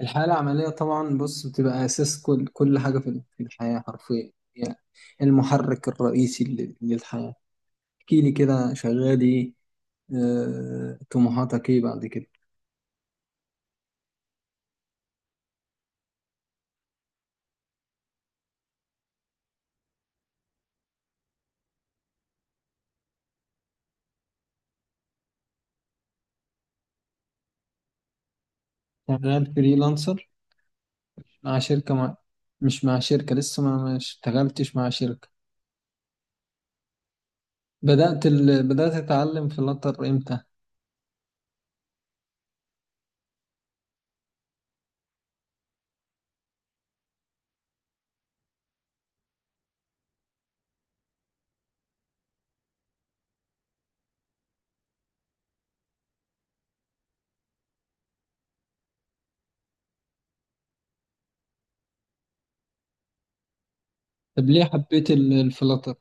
الحياة العملية طبعا، بص بتبقى أساس كل حاجة في الحياة حرفيا يعني. المحرك الرئيسي للحياة. احكي لي كده شغال ايه؟ طموحاتك ايه بعد كده؟ شغال فريلانسر مع مش مع شركة لسه، ما اشتغلتش مع شركة. بدأت أتعلم فلاتر امتى؟ طب ليه حبيت الفلاتر؟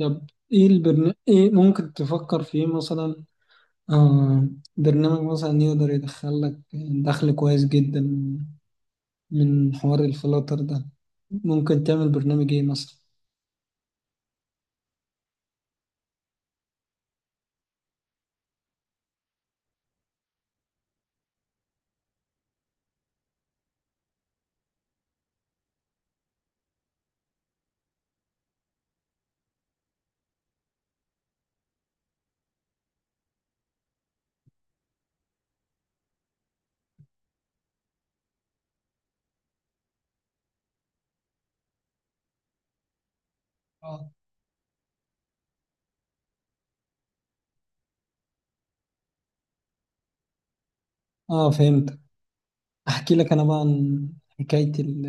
طب ايه ايه ممكن تفكر فيه مثلا؟ آه، برنامج مثلا يقدر يدخل لك دخل كويس جدا من حوار الفلاتر ده، ممكن تعمل برنامج ايه مثلا؟ اه، فهمت. احكي لك انا بقى عن حكاية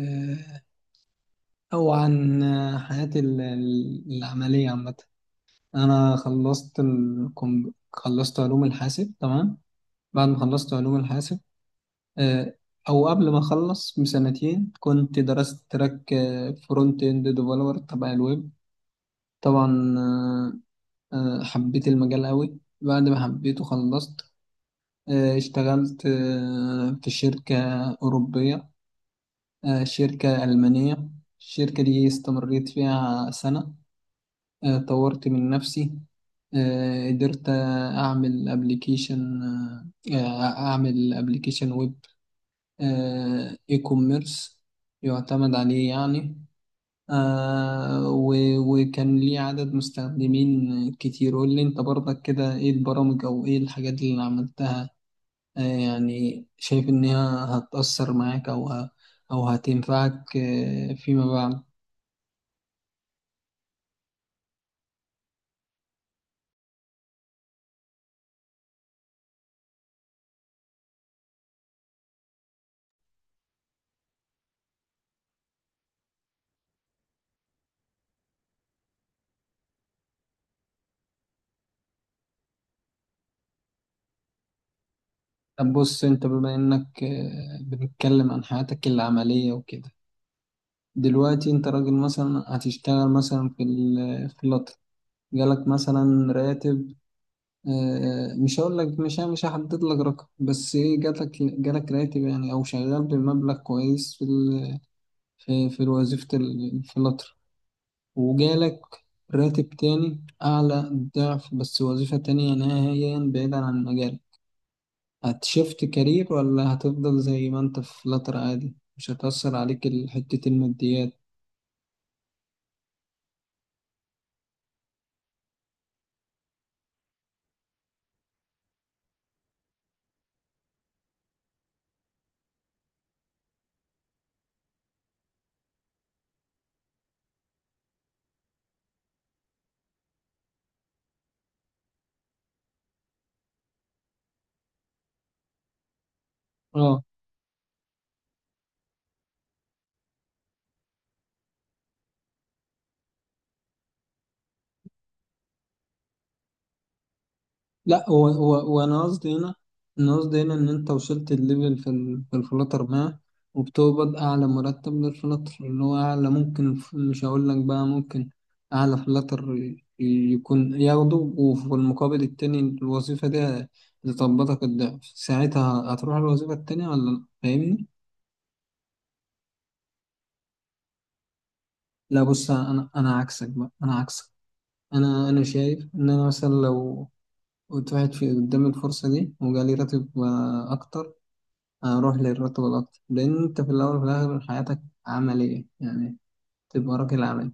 او عن حياتي العملية عامة. انا خلصت علوم الحاسب تمام. بعد ما خلصت علوم الحاسب، آه، او قبل ما اخلص بسنتين، كنت درست تراك فرونت اند ديفلوبر تبع الويب. طبعا، حبيت المجال قوي. بعد ما حبيته خلصت، اشتغلت في شركة أوروبية، شركة ألمانية. الشركة دي استمريت فيها سنة، طورت من نفسي، قدرت أعمل أبليكيشن، أعمل أبليكيشن ويب إي كوميرس يعتمد عليه يعني. آه وكان ليه عدد مستخدمين كتير. قول لي انت برضك كده، ايه البرامج او ايه الحاجات اللي عملتها؟ آه، يعني شايف انها هتأثر معاك او او هتنفعك آه فيما بعد. طب بص، انت بما انك آه بنتكلم عن حياتك العملية وكده، دلوقتي انت راجل مثلا هتشتغل مثلا في في اللطل، جالك مثلا راتب، مش هقول لك، مش يعني مش هحدد لك رقم، بس ايه، جالك راتب يعني، او شغال بمبلغ كويس في, في وظيفة في القطر، وجالك راتب تاني اعلى، ضعف، بس وظيفة تانية نهائيا بعيدا عن مجالك. هتشفت كارير ولا هتفضل زي ما انت في القطر عادي، مش هتأثر عليك حتة الماديات؟ اه. لا، هو انا قصدي هنا، انا قصدي هنا ان انت وصلت الليفل في في الفلاتر ما، وبتقبض اعلى مرتب للفلاتر اللي هو اعلى ممكن. مش هقول لك بقى ممكن اعلى فلاتر يكون ياخده، وفي المقابل التاني الوظيفة دي هتطبطك الضعف. ساعتها هتروح الوظيفة التانية ولا لا؟ فاهمني؟ لا بص، انا عكسك بقى، انا عكسك. انا شايف ان انا مثلا لو كنت واحد في قدام الفرصة دي، وجالي راتب اكتر، اروح للراتب الاكتر. لان انت في الاول وفي الاخر حياتك عمليه يعني، تبقى راجل عملي.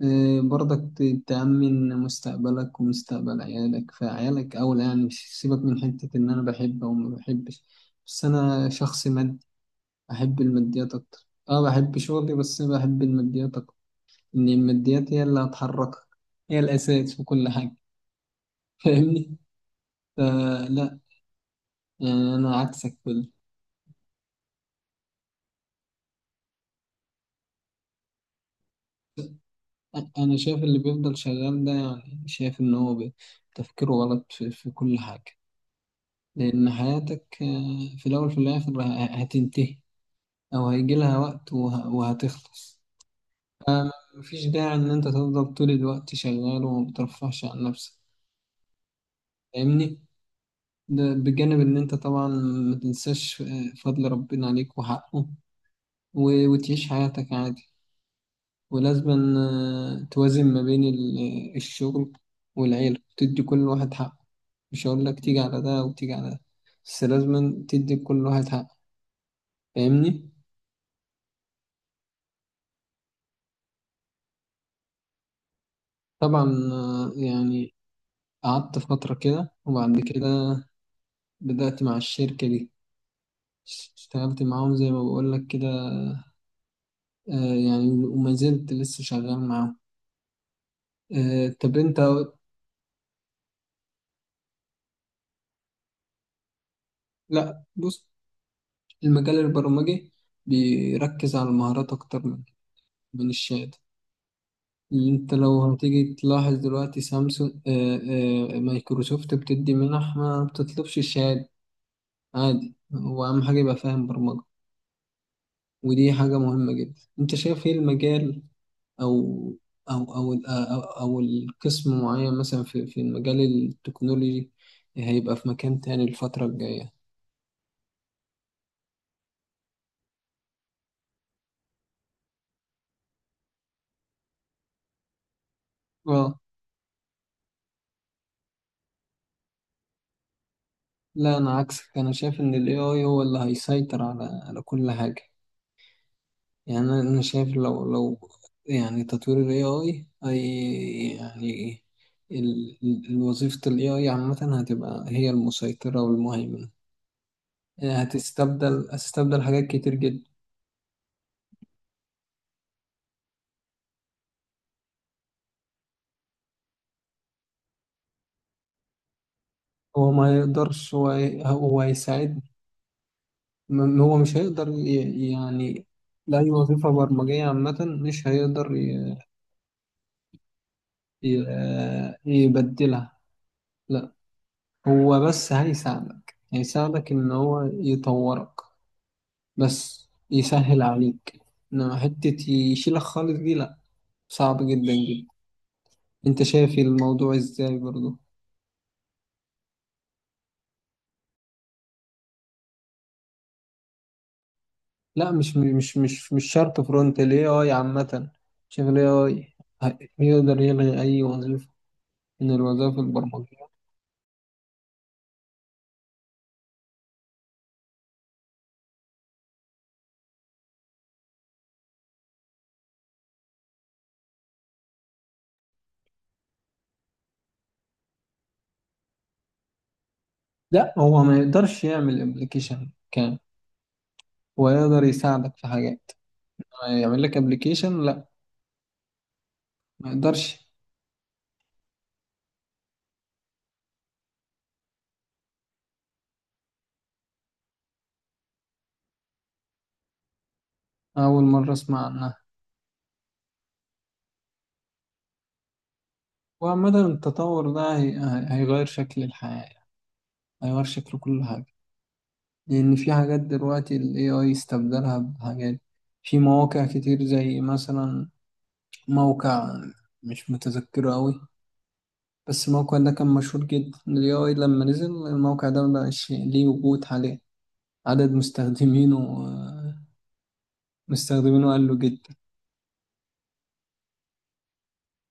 إيه، برضك تأمن مستقبلك ومستقبل عيالك، فعيالك أولى يعني. مش سيبك من حتة إن أنا بحب أو ما بحبش، بس أنا شخص مادي، أحب الماديات أكتر. أه بحب شغلي بس بحب الماديات أكتر. إن الماديات هي اللي هتحركك، هي الأساس في كل حاجة. فاهمني؟ فلا، يعني أنا عكسك. أنا شايف اللي بيفضل شغال ده يعني، شايف إن هو تفكيره غلط في, في كل حاجة. لأن حياتك في الأول في الآخر هتنتهي، أو هيجي لها وقت وهتخلص. آه، مفيش داعي إن أنت تفضل طول الوقت شغال وما بترفهش عن نفسك. فاهمني؟ ده بجانب إن أنت طبعا ما تنساش فضل ربنا عليك وحقه، وتعيش حياتك عادي. ولازم توازن ما بين الشغل والعيلة، تدي كل واحد حقه. مش هقول لك تيجي على ده وتيجي على ده، بس لازم تدي كل واحد حقه. فاهمني؟ طبعا، يعني قعدت فترة كده، وبعد كده بدأت مع الشركة دي، اشتغلت معاهم زي ما بقول لك كده، يعني وما زلت لسه شغال معاهم. طب انت، لا بص، المجال البرمجي بيركز على المهارات اكتر من من الشهادة. انت لو هتيجي تلاحظ دلوقتي سامسونج، مايكروسوفت بتدي منح ما بتطلبش الشهادة. عادي، هو أهم حاجة يبقى فاهم برمجة، ودي حاجة مهمة جدا. انت شايف ايه المجال او أو القسم معين مثلا في, في المجال التكنولوجي هيبقى في مكان تاني الفترة الجاية؟ اه. لا انا عكسك، انا شايف ان الاي اي هو اللي هيسيطر على على كل حاجة. يعني انا شايف لو لو يعني تطوير ال AI اي اي يعني، وظيفة ال AI عامة هتبقى هي المسيطرة والمهيمنة. يعني هتستبدل حاجات كتير جدا. هو ما يقدرش، هو هو هيساعد. هو مش هيقدر يعني لأي وظيفة برمجية عامة مش هيقدر يبدلها، لا. هو بس هيساعدك، هيساعدك إن هو يطورك، بس يسهل عليك. انما حتة يشيلك خالص دي لا، صعب جدا جدا. انت شايف الموضوع ازاي برضو؟ لا مش شرط فرونت، ال AI عامة. شايف ال AI يقدر يلغي أي وظيفة من الوظائف البرمجية. لا هو ما يقدرش يعمل ابلكيشن كامل، هو يقدر يساعدك في حاجات. يعمل لك ابلكيشن لا، ما يقدرش. أول مرة أسمع عنها. وعامة التطور ده هيغير شكل الحياة، هيغير شكل كل حاجة. لأن في حاجات دلوقتي ال AI استبدلها بحاجات، في مواقع كتير، زي مثلا موقع مش متذكره أوي، بس الموقع ده كان مشهور جدا. ال AI لما نزل، الموقع ده مبقاش ليه وجود. عليه عدد مستخدمينه، آه، مستخدمينه قل جدا.